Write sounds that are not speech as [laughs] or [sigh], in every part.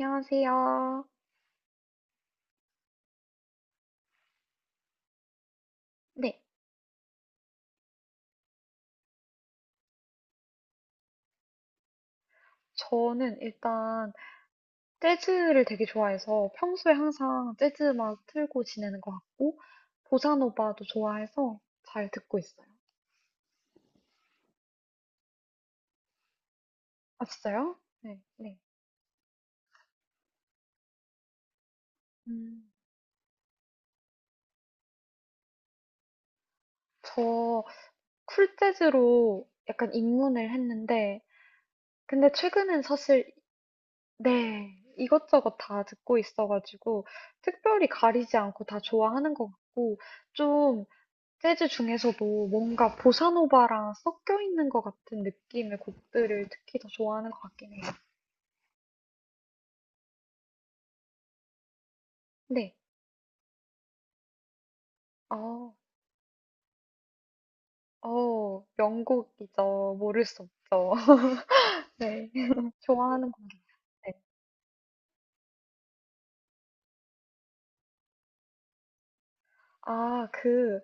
안녕하세요. 네, 저는 일단 재즈를 되게 좋아해서 평소에 항상 재즈 음악 틀고 지내는 것 같고 보사노바도 좋아해서 잘 듣고 있어요. 아, 진짜요? 네, 네. 음, 저 쿨 재즈로 약간 입문을 했는데 근데 최근엔 사실 네, 이것저것 다 듣고 있어가지고 특별히 가리지 않고 다 좋아하는 것 같고 좀 재즈 중에서도 뭔가 보사노바랑 섞여 있는 것 같은 느낌의 곡들을 특히 더 좋아하는 것 같긴 해요. 네, 어, 명곡이죠. 모를 수 없죠. [laughs] 네, [laughs] 좋아하는 곡 같아요. 아, 그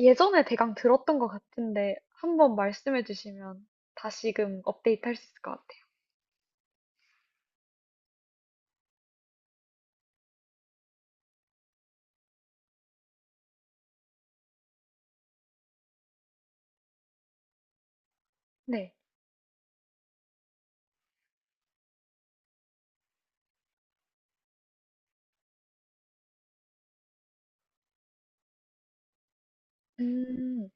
예전에 대강 들었던 것 같은데 한번 말씀해 주시면 다시금 업데이트 할 수 있을 것 같아요. 네, 음,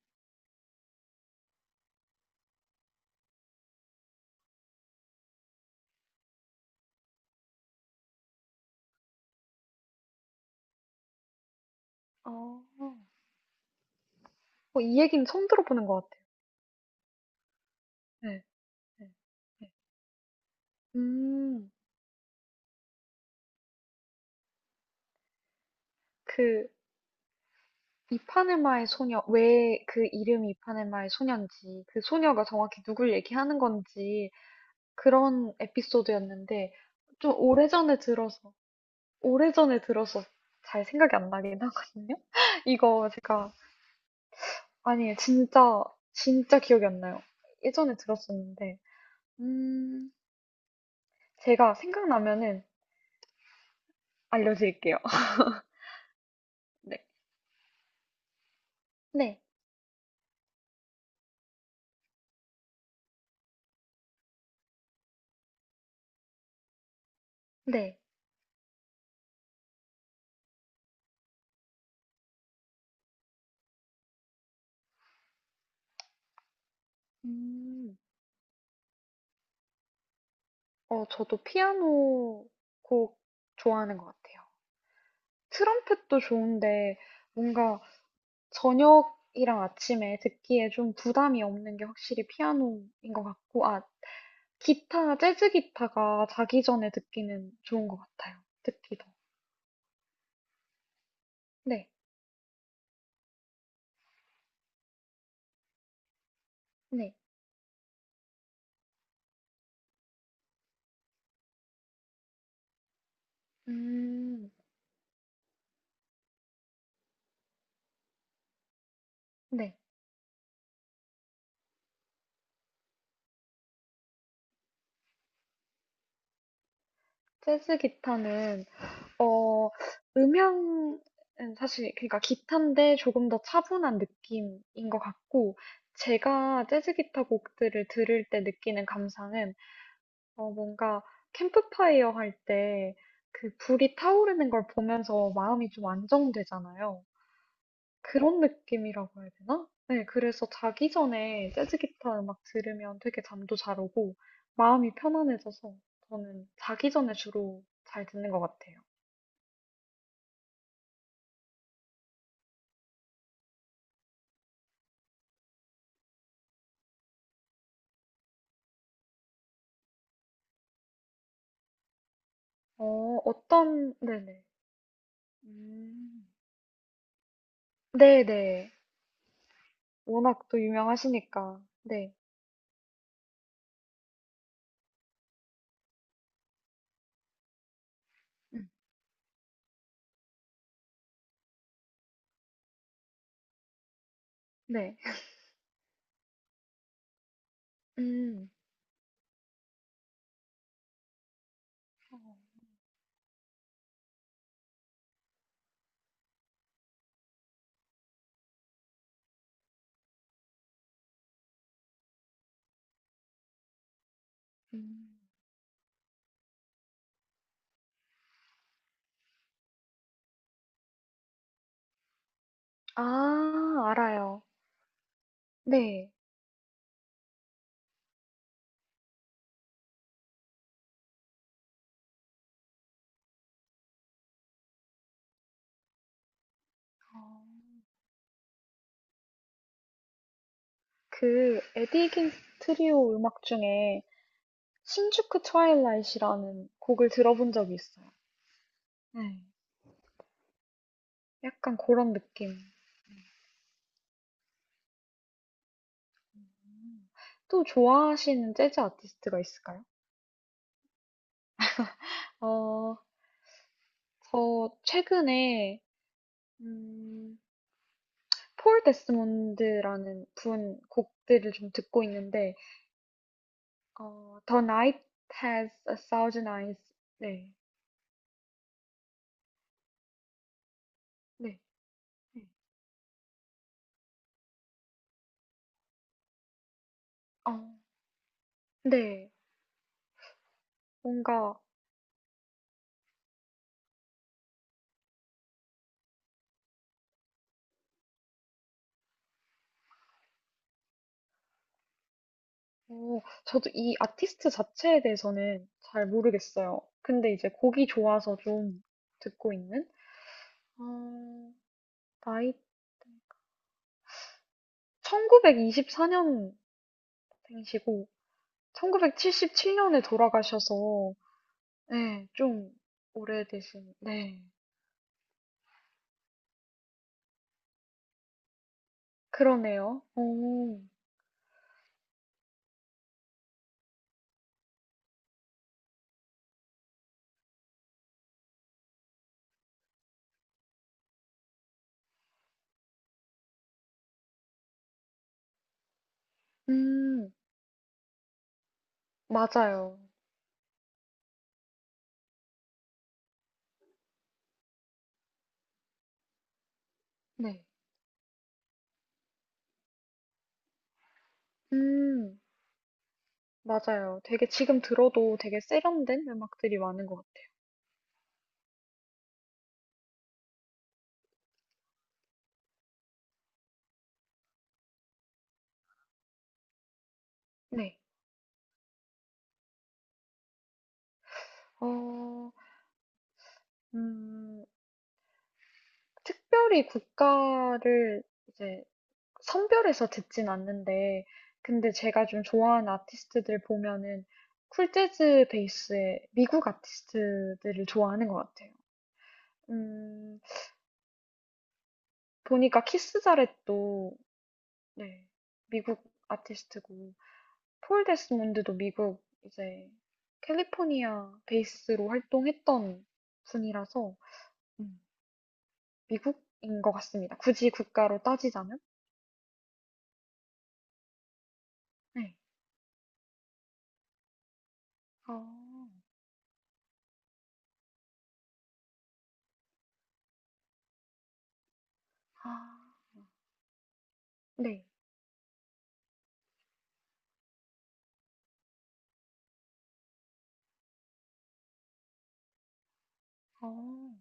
어, 이 얘기는 처음 들어보는 것 같아요. 네, 네, 네. 음, 그 이파네마의 소녀, 왜 그 이름이 이파네마의 소녀인지, 그 소녀가 정확히 누굴 얘기하는 건지, 그런 에피소드였는데, 좀 오래전에 들어서 잘 생각이 안 나긴 하거든요? [laughs] 이거 제가, 아니, 진짜, 진짜 기억이 안 나요. 예전에 들었었는데, 음, 제가 생각나면은 알려드릴게요. [laughs] 네. 네, 네. 음, 저도 피아노 곡 좋아하는 것 같아요. 트럼펫도 좋은데 뭔가 저녁이랑 아침에 듣기에 좀 부담이 없는 게 확실히 피아노인 것 같고, 아, 기타, 재즈 기타가 자기 전에 듣기는 좋은 것 같아요. 듣기 더. 네, 네. 음, 네. 재즈 기타는, 어, 음향은 사실, 그러니까 기타인데 조금 더 차분한 느낌인 것 같고, 제가 재즈 기타 곡들을 들을 때 느끼는 감상은 뭔가 캠프파이어 할 때 그 불이 타오르는 걸 보면서 마음이 좀 안정되잖아요. 그런 느낌이라고 해야 되나? 네, 그래서 자기 전에 재즈 기타 음악 들으면 되게 잠도 잘 오고 마음이 편안해져서 저는 자기 전에 주로 잘 듣는 것 같아요. 어, 어떤, 네네. 음, 네네. 워낙 또 유명하시니까. 네, 음, 네. [laughs] 음, 어, 음. 아, 알아요. 네. 어, 그 에디 킹 트리오 음악 중에 신주쿠 트와일라잇이라는 곡을 들어본 적이 있어요. 네. 약간 그런 느낌. 음. 또 좋아하시는 재즈 아티스트가 있을까요? 어, 저 최근에 음, 폴 데스몬드라는 분 곡들을 좀 듣고 있는데 The Night Has a Thousand Eyes. 네. 네. 네. 어, 네. 뭔가 오, 저도 이 아티스트 자체에 대해서는 잘 모르겠어요. 근데 이제 곡이 좋아서 좀 듣고 있는? 어, 나이, 1924년생이시고, 1977년에 돌아가셔서, 네, 좀 오래되신, 네, 그러네요. 오, 음, 맞아요. 네, 음, 맞아요. 되게 지금 들어도 되게 세련된 음악들이 많은 것 같아요. 네, 어, 음, 특별히 국가를 이제 선별해서 듣진 않는데, 근데 제가 좀 좋아하는 아티스트들 보면은 쿨 재즈 베이스의 미국 아티스트들을 좋아하는 것 같아요. 음, 보니까 키스 자렛도 네, 미국 아티스트고, 폴 데스몬드도 미국 이제 캘리포니아 베이스로 활동했던 분이라서 음, 미국인 것 같습니다. 굳이 국가로 따지자면. 네. 어, 아. 네. 어.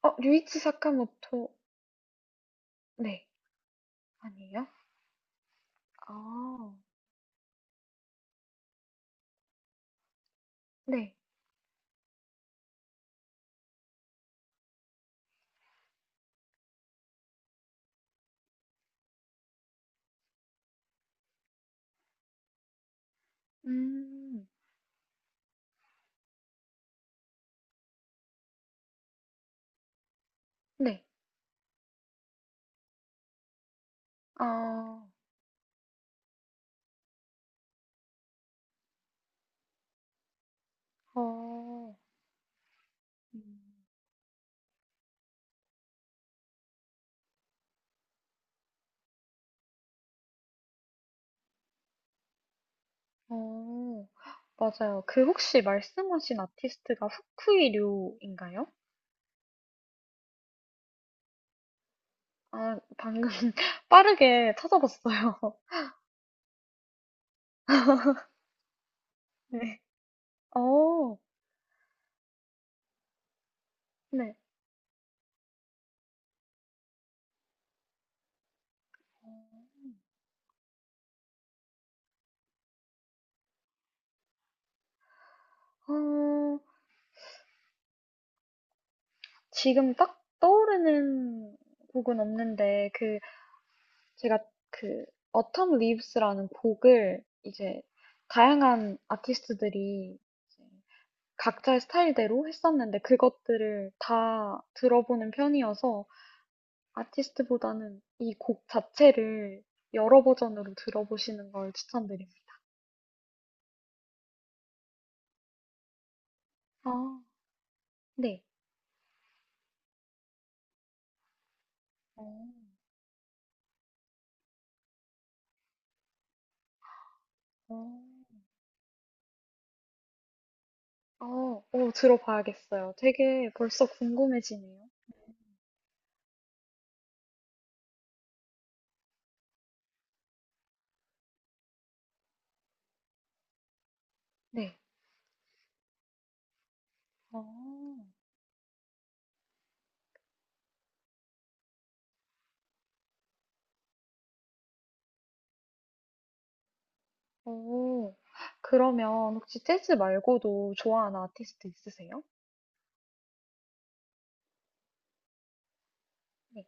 류이치 사카모토 네. 아니에요? 아. 네. 음. 네. 아. 어. 음. 어. 맞아요. 그 혹시 말씀하신 아티스트가 후쿠이 류인가요? 아 방금 [laughs] 빠르게 찾아봤어요. [laughs] 네. 어. 네. 어. 어. 지금 딱 떠오르는 곡은 없는데 그 제가 그 Autumn Leaves라는 곡을 이제 다양한 아티스트들이 이제 각자의 스타일대로 했었는데 그것들을 다 들어보는 편이어서 아티스트보다는 이 곡 자체를 여러 버전으로 들어보시는 걸 추천드립니다. 아, 네. 어, 어, 들어봐야겠어요. 되게 벌써 궁금해지네요. 네. 어. 오, 그러면 혹시 재즈 말고도 좋아하는 아티스트 있으세요? 네.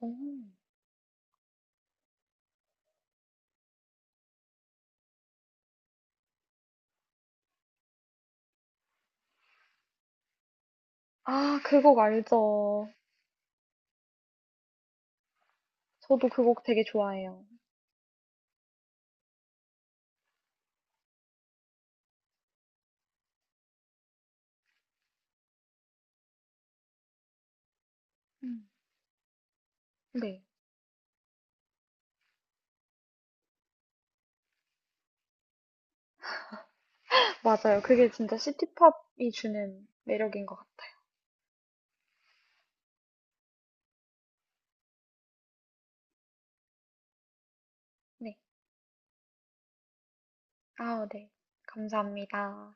오. 아, 그 곡 알죠. 저도 그 곡 되게 좋아해요. 음. 네. 맞아요. 그게 진짜 시티팝이 주는 매력인 것 같아요. 네. 아 네. 감사합니다.